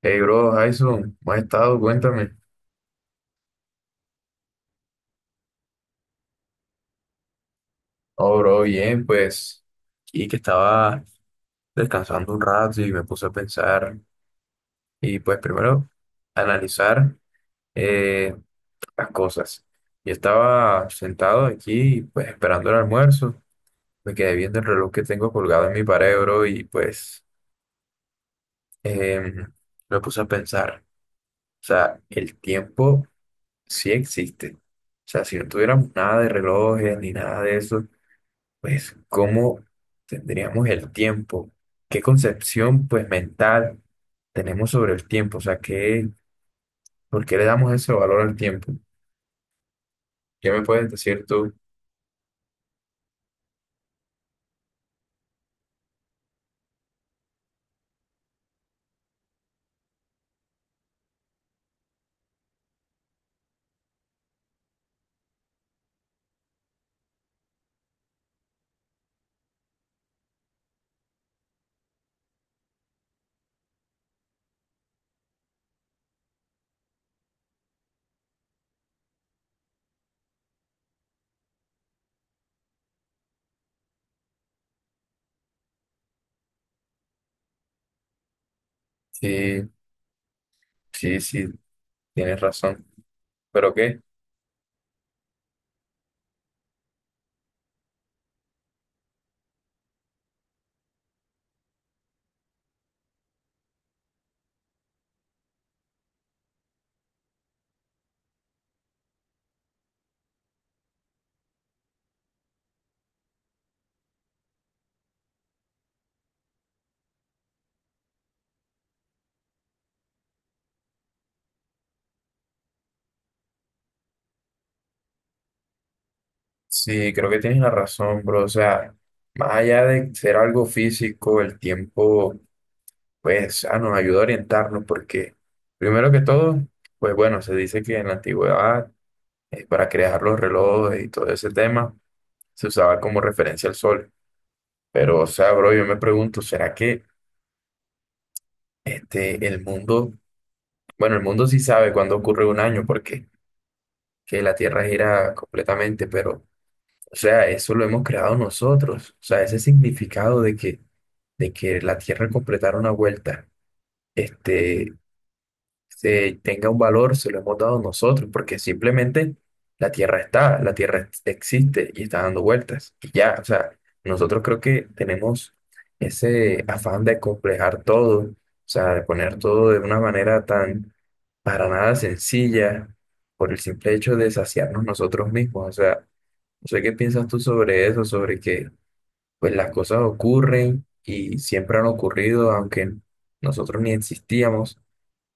Hey, bro, Jason, ¿cómo has estado? Cuéntame. Oh, bro, bien, pues, y que estaba descansando un rato y me puse a pensar y pues primero analizar eh, las cosas. Yo estaba sentado aquí, pues, esperando el almuerzo, me quedé viendo el reloj que tengo colgado en mi pared, bro, y pues em, me puse a pensar, o sea, el tiempo sí existe. O sea, si no tuviéramos nada de relojes ni nada de eso pues cómo tendríamos el tiempo, qué concepción pues mental tenemos sobre el tiempo, o sea, qué, ¿por qué le damos ese valor al tiempo? ¿Qué me puedes decir tú? Sí, sí, sí, tienes razón, pero qué, sí, creo que tienes la razón, bro, o sea, más allá de ser algo físico, el tiempo pues ah, nos ayuda a orientarnos porque primero que todo, pues bueno, se dice que en la antigüedad, para crear los relojes y todo ese tema, se usaba como referencia al sol. Pero, o sea, bro, yo me pregunto, ¿será que este, el mundo, bueno, el mundo sí sabe cuándo ocurre un año, porque que la Tierra gira completamente, pero, o sea, eso lo hemos creado nosotros. O sea, ese significado de que la Tierra completara una vuelta, este, se tenga un valor, se lo hemos dado nosotros, porque simplemente la Tierra existe y está dando vueltas. Y ya, o sea, nosotros creo que tenemos ese afán de complejar todo, o sea, de poner todo de una manera tan para nada sencilla, por el simple hecho de saciarnos nosotros mismos. O sea, no sé qué piensas tú sobre eso, sobre que pues las cosas ocurren y siempre han ocurrido, aunque nosotros ni existíamos.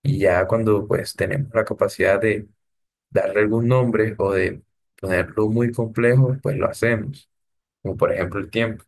Y ya cuando pues tenemos la capacidad de darle algún nombre o de ponerlo muy complejo, pues lo hacemos, como por ejemplo el tiempo.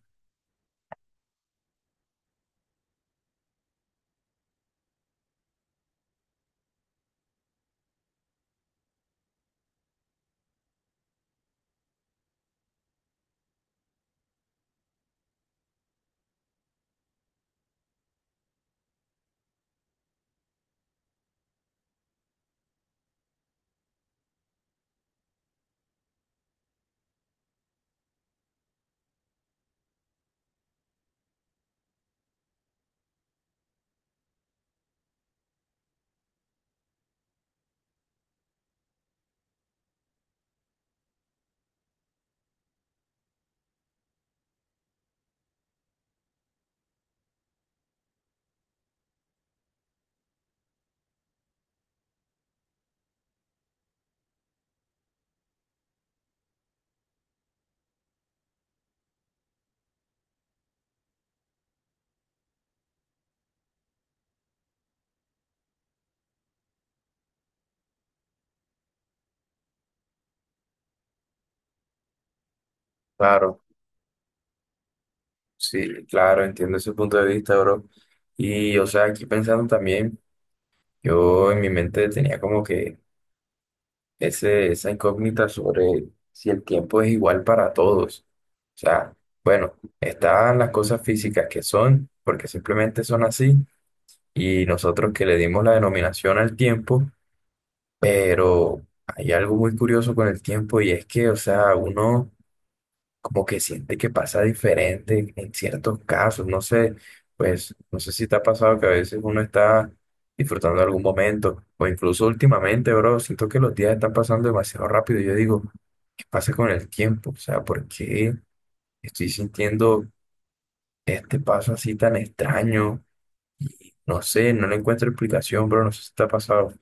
Claro, sí, claro, entiendo ese punto de vista, bro. Y, o sea, aquí pensando también, yo en mi mente tenía como que esa incógnita sobre si el tiempo es igual para todos. O sea, bueno, están las cosas físicas que son, porque simplemente son así, y nosotros que le dimos la denominación al tiempo. Pero hay algo muy curioso con el tiempo y es que, o sea, uno como que siente que pasa diferente en ciertos casos. No sé, pues, no sé si te ha pasado que a veces uno está disfrutando de algún momento o incluso últimamente, bro, siento que los días están pasando demasiado rápido. Y yo digo, ¿qué pasa con el tiempo? O sea, ¿por qué estoy sintiendo este paso así tan extraño? Y no sé, no le encuentro explicación, bro, no sé si te ha pasado.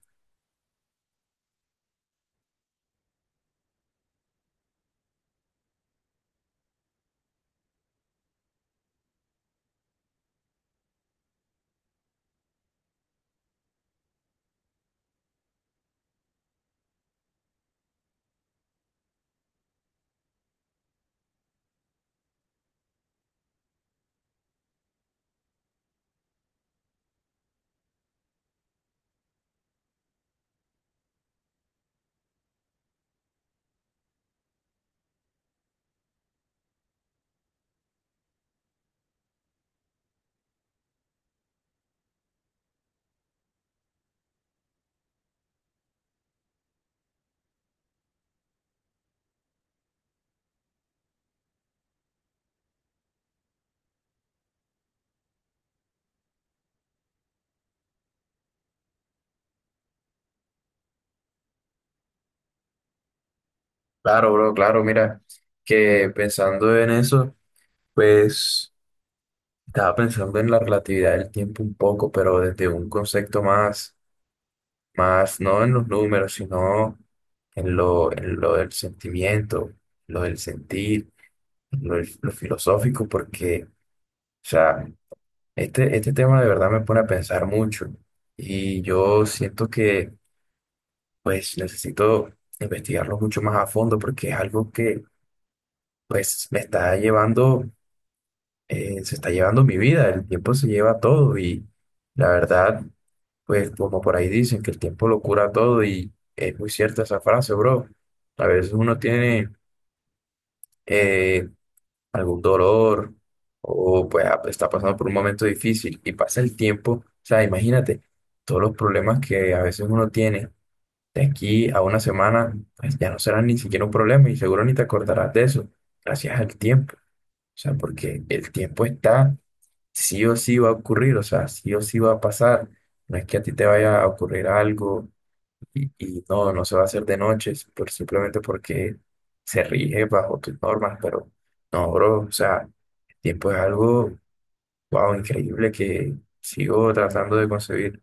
Claro, bro, claro, mira, que pensando en eso, pues estaba pensando en la relatividad del tiempo un poco, pero desde un concepto más, más no en los números, sino en lo del sentimiento, lo del sentir, lo filosófico, porque, o sea, este tema de verdad me pone a pensar mucho y yo siento que, pues, necesito investigarlo mucho más a fondo porque es algo que, pues, me está llevando. Se está llevando mi vida, el tiempo se lleva todo y la verdad, pues como por ahí dicen que el tiempo lo cura todo y es muy cierta esa frase, bro. A veces uno tiene eh, algún dolor o pues ah, está pasando por un momento difícil y pasa el tiempo, o sea, imagínate todos los problemas que a veces uno tiene. De aquí a una semana, pues ya no serán ni siquiera un problema y seguro ni te acordarás de eso, gracias al tiempo. O sea, porque el tiempo está sí o sí va a ocurrir, o sea, sí o sí va a pasar. No es que a ti te vaya a ocurrir algo y no se va a hacer de noche, por, simplemente porque se rige bajo tus normas, pero no, bro, o sea, el tiempo es algo, wow, increíble que sigo tratando de concebir.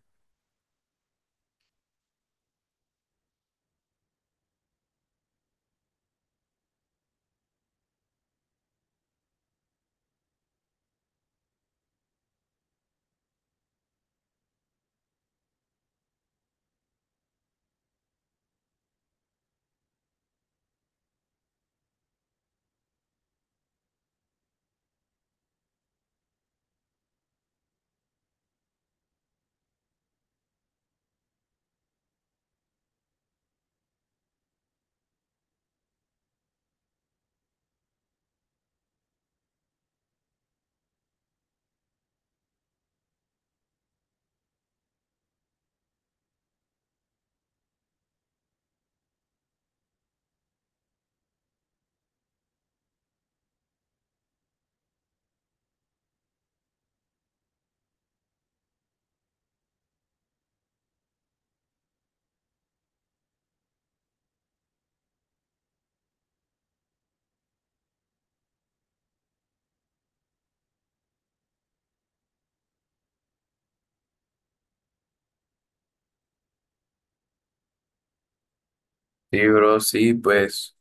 Sí, bro, sí, pues,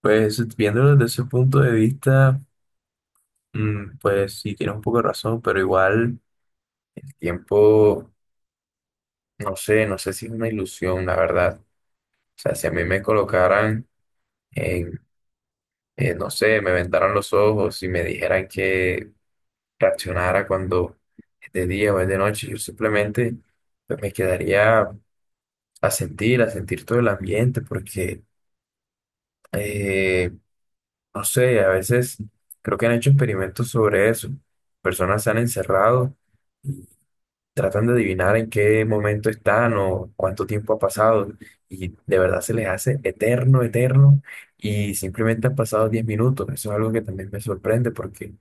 pues viéndolo desde ese punto de vista, mm, pues sí, tienes un poco de razón, pero igual el tiempo, no sé, no sé si es una ilusión, la verdad. O sea, si a mí me colocaran en, no sé, me vendaran los ojos y me dijeran que reaccionara cuando es de día o es de noche, yo simplemente pues, me quedaría a sentir todo el ambiente, porque, eh, no sé, a veces creo que han hecho experimentos sobre eso. Personas se han encerrado, tratan de adivinar en qué momento están o cuánto tiempo ha pasado y de verdad se les hace eterno, eterno y simplemente han pasado 10 minutos. Eso es algo que también me sorprende porque,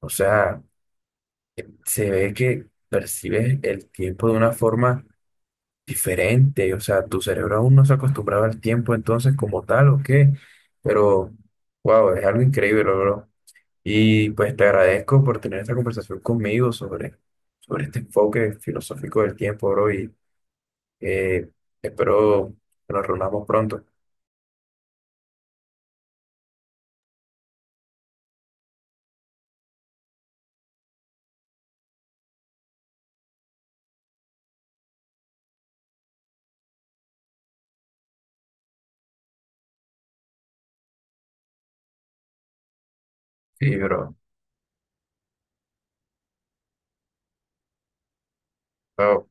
o sea, se ve que percibes el tiempo de una forma diferente, o sea, tu cerebro aún no se acostumbraba al tiempo entonces como tal o qué, pero wow, es algo increíble, bro. Y pues te agradezco por tener esta conversación conmigo sobre, sobre este enfoque filosófico del tiempo, bro, y eh, espero que nos reunamos pronto. Sí, bro. Chao.